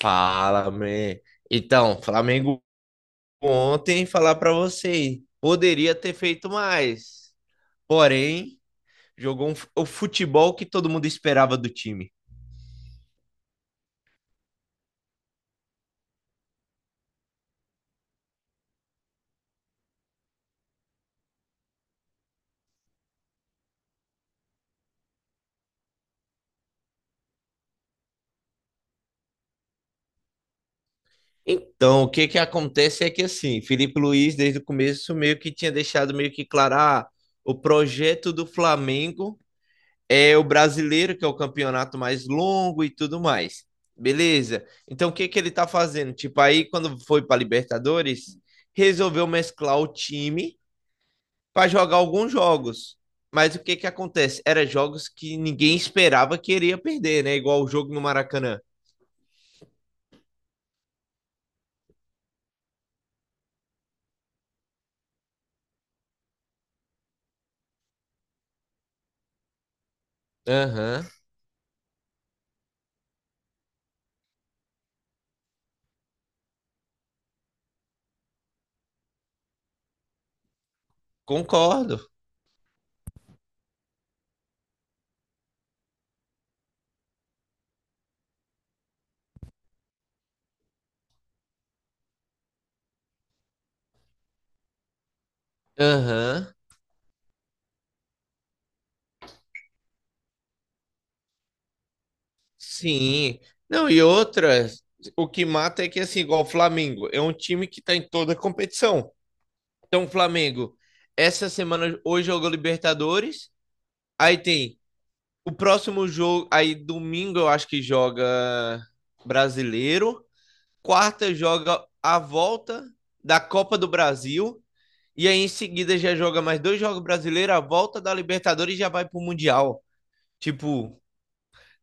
Fala, man. Então, Flamengo ontem, falar pra vocês, poderia ter feito mais. Porém, jogou o futebol que todo mundo esperava do time. Então, o que que acontece é que assim, Felipe Luiz desde o começo meio que tinha deixado meio que claro, ah, o projeto do Flamengo é o brasileiro, que é o campeonato mais longo e tudo mais. Beleza. Então, o que que ele tá fazendo? Tipo, aí quando foi para Libertadores, resolveu mesclar o time para jogar alguns jogos. Mas o que que acontece? Era jogos que ninguém esperava que iria perder, né? Igual o jogo no Maracanã. Aham, concordo. Aham, sim. Não, e outra, o que mata é que, assim, igual o Flamengo, é um time que tá em toda competição. Então, Flamengo, essa semana hoje jogou Libertadores. Aí tem o próximo jogo. Aí domingo eu acho que joga brasileiro. Quarta joga a volta da Copa do Brasil. E aí em seguida já joga mais dois jogos brasileiros, a volta da Libertadores e já vai pro Mundial. Tipo,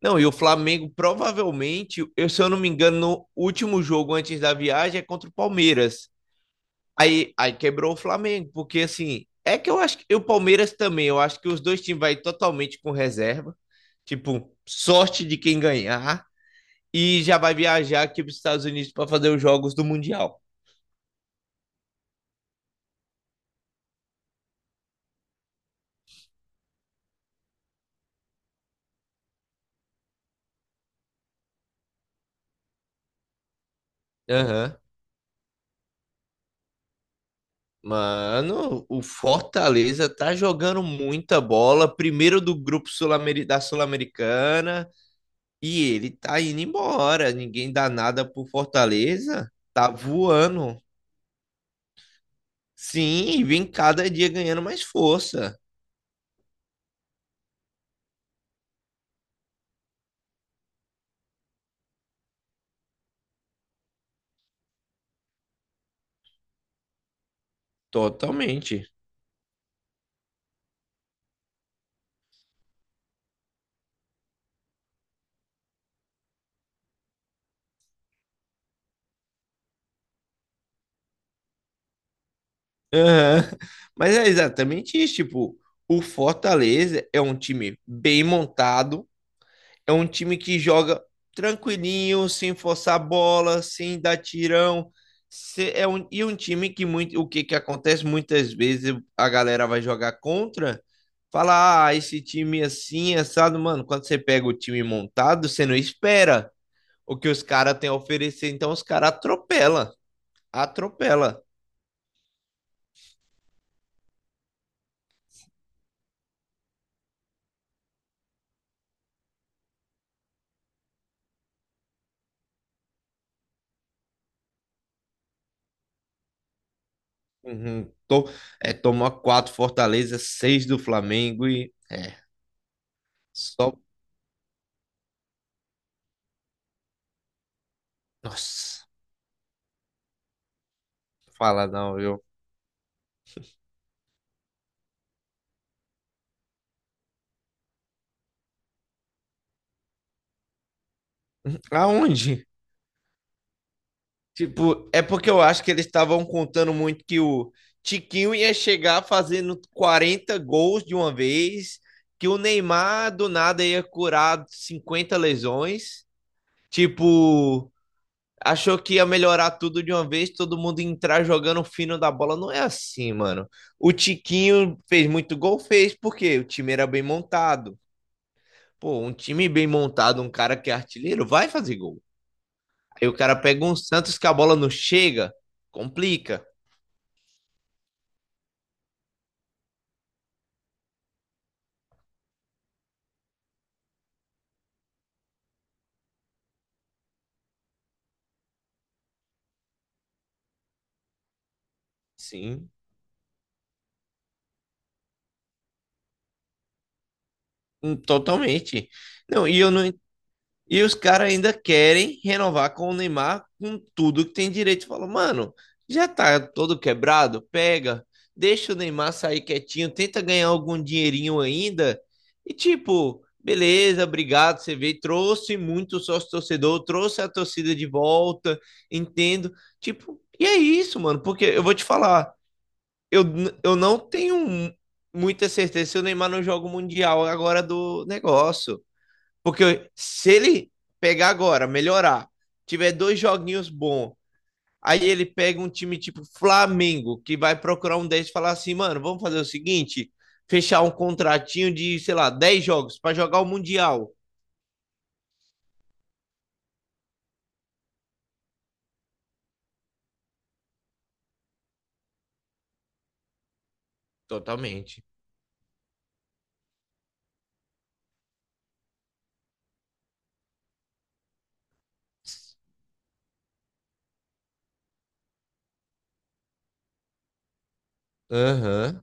não, e o Flamengo provavelmente, se eu não me engano, no último jogo antes da viagem é contra o Palmeiras. Aí, quebrou o Flamengo, porque assim, é que eu acho que e o Palmeiras também, eu acho que os dois times vai totalmente com reserva, tipo, sorte de quem ganhar e já vai viajar aqui para os Estados Unidos para fazer os jogos do Mundial. Aham. Mano, o Fortaleza tá jogando muita bola, primeiro do grupo da Sul-Americana, e ele tá indo embora. Ninguém dá nada pro Fortaleza, tá voando. Sim, e vem cada dia ganhando mais força. Totalmente. Aham. Mas é exatamente isso, tipo, o Fortaleza é um time bem montado, é um time que joga tranquilinho, sem forçar a bola, sem dar tirão. É um, e um time que muito, o que que acontece muitas vezes a galera vai jogar contra, fala, ah, esse time assim, assado, mano, quando você pega o time montado, você não espera o que os caras têm a oferecer, então os caras atropela, atropela. Uhum. É, tomou quatro Fortaleza, seis do Flamengo e é só. Nossa, fala não, viu? Aonde? Tipo, é porque eu acho que eles estavam contando muito que o Tiquinho ia chegar fazendo 40 gols de uma vez, que o Neymar do nada ia curar 50 lesões. Tipo, achou que ia melhorar tudo de uma vez, todo mundo entrar jogando fino da bola. Não é assim, mano. O Tiquinho fez muito gol, fez, porque o time era bem montado. Pô, um time bem montado, um cara que é artilheiro, vai fazer gol. Aí o cara pega um Santos que a bola não chega, complica. Sim, totalmente. Não, e eu não, e os caras ainda querem renovar com o Neymar com tudo que tem direito. Fala, mano, já tá todo quebrado, pega, deixa o Neymar sair quietinho, tenta ganhar algum dinheirinho ainda. E tipo, beleza, obrigado, você veio, trouxe muito sócio-torcedor, trouxe a torcida de volta, entendo. Tipo, e é isso, mano, porque eu vou te falar, eu, eu não tenho muita certeza se o Neymar não joga o Mundial agora do negócio. Porque se ele pegar agora, melhorar, tiver dois joguinhos bons, aí ele pega um time tipo Flamengo, que vai procurar um deles e falar assim, mano, vamos fazer o seguinte, fechar um contratinho de, sei lá, 10 jogos para jogar o Mundial. Totalmente. Aham.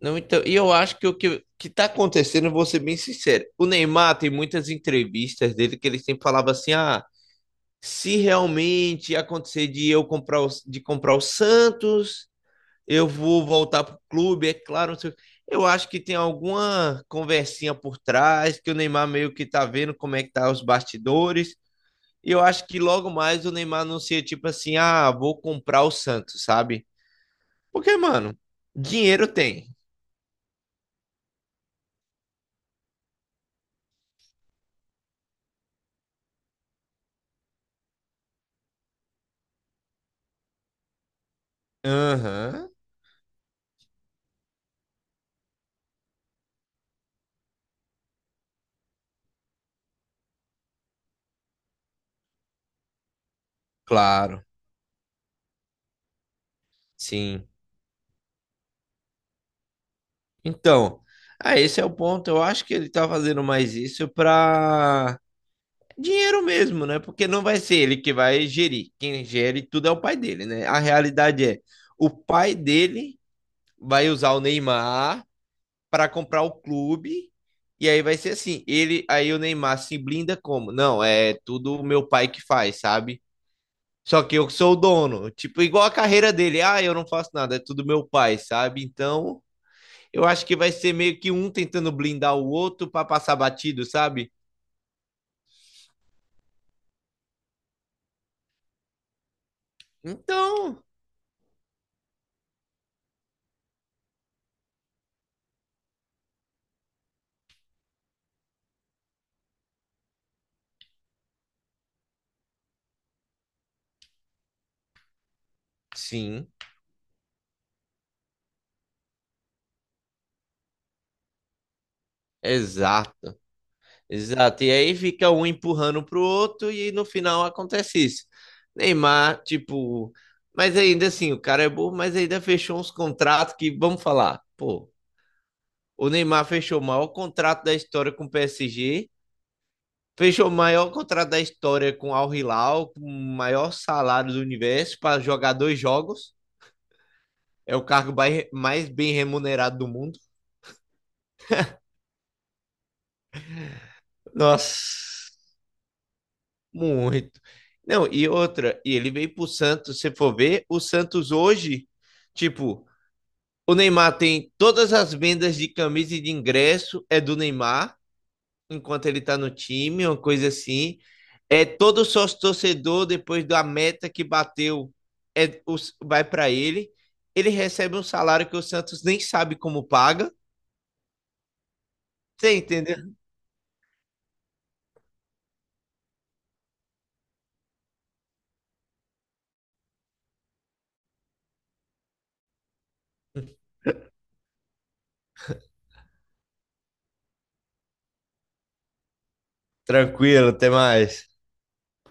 Não, então, e eu acho que o que, que tá acontecendo, eu vou ser bem sincero, o Neymar tem muitas entrevistas dele que ele sempre falava assim, ah, se realmente acontecer de eu de comprar o Santos, eu vou voltar pro clube, é claro, não sei o quê. Eu acho que tem alguma conversinha por trás, que o Neymar meio que tá vendo como é que tá os bastidores. E eu acho que logo mais o Neymar anuncia tipo assim: ah, vou comprar o Santos, sabe? Porque, mano, dinheiro tem. Aham, claro, sim. Então, ah, esse é o ponto. Eu acho que ele tá fazendo mais isso pra dinheiro mesmo, né? Porque não vai ser ele que vai gerir. Quem gere tudo é o pai dele, né? A realidade é, o pai dele vai usar o Neymar para comprar o clube e aí vai ser assim, ele aí o Neymar se blinda como? Não, é tudo o meu pai que faz, sabe? Só que eu sou o dono, tipo igual a carreira dele. Ah, eu não faço nada, é tudo meu pai, sabe? Então, eu acho que vai ser meio que um tentando blindar o outro para passar batido, sabe? Então, sim, exato. Exato. E aí fica um empurrando pro outro e no final acontece isso. Neymar, tipo, mas ainda assim, o cara é burro, mas ainda fechou uns contratos que, vamos falar, pô, o Neymar fechou o maior contrato da história com o PSG, fechou o maior contrato da história com o Al Hilal, com o maior salário do universo para jogar dois jogos. É o cargo mais bem remunerado do mundo. Nossa, muito. Não, e outra, e ele veio pro Santos, se for ver, o Santos hoje, tipo, o Neymar tem todas as vendas de camisa e de ingresso é do Neymar, enquanto ele tá no time, uma coisa assim. É todo sócio torcedor depois da meta que bateu, é o- vai para ele. Ele recebe um salário que o Santos nem sabe como paga. Você entendeu? Tranquilo, até mais.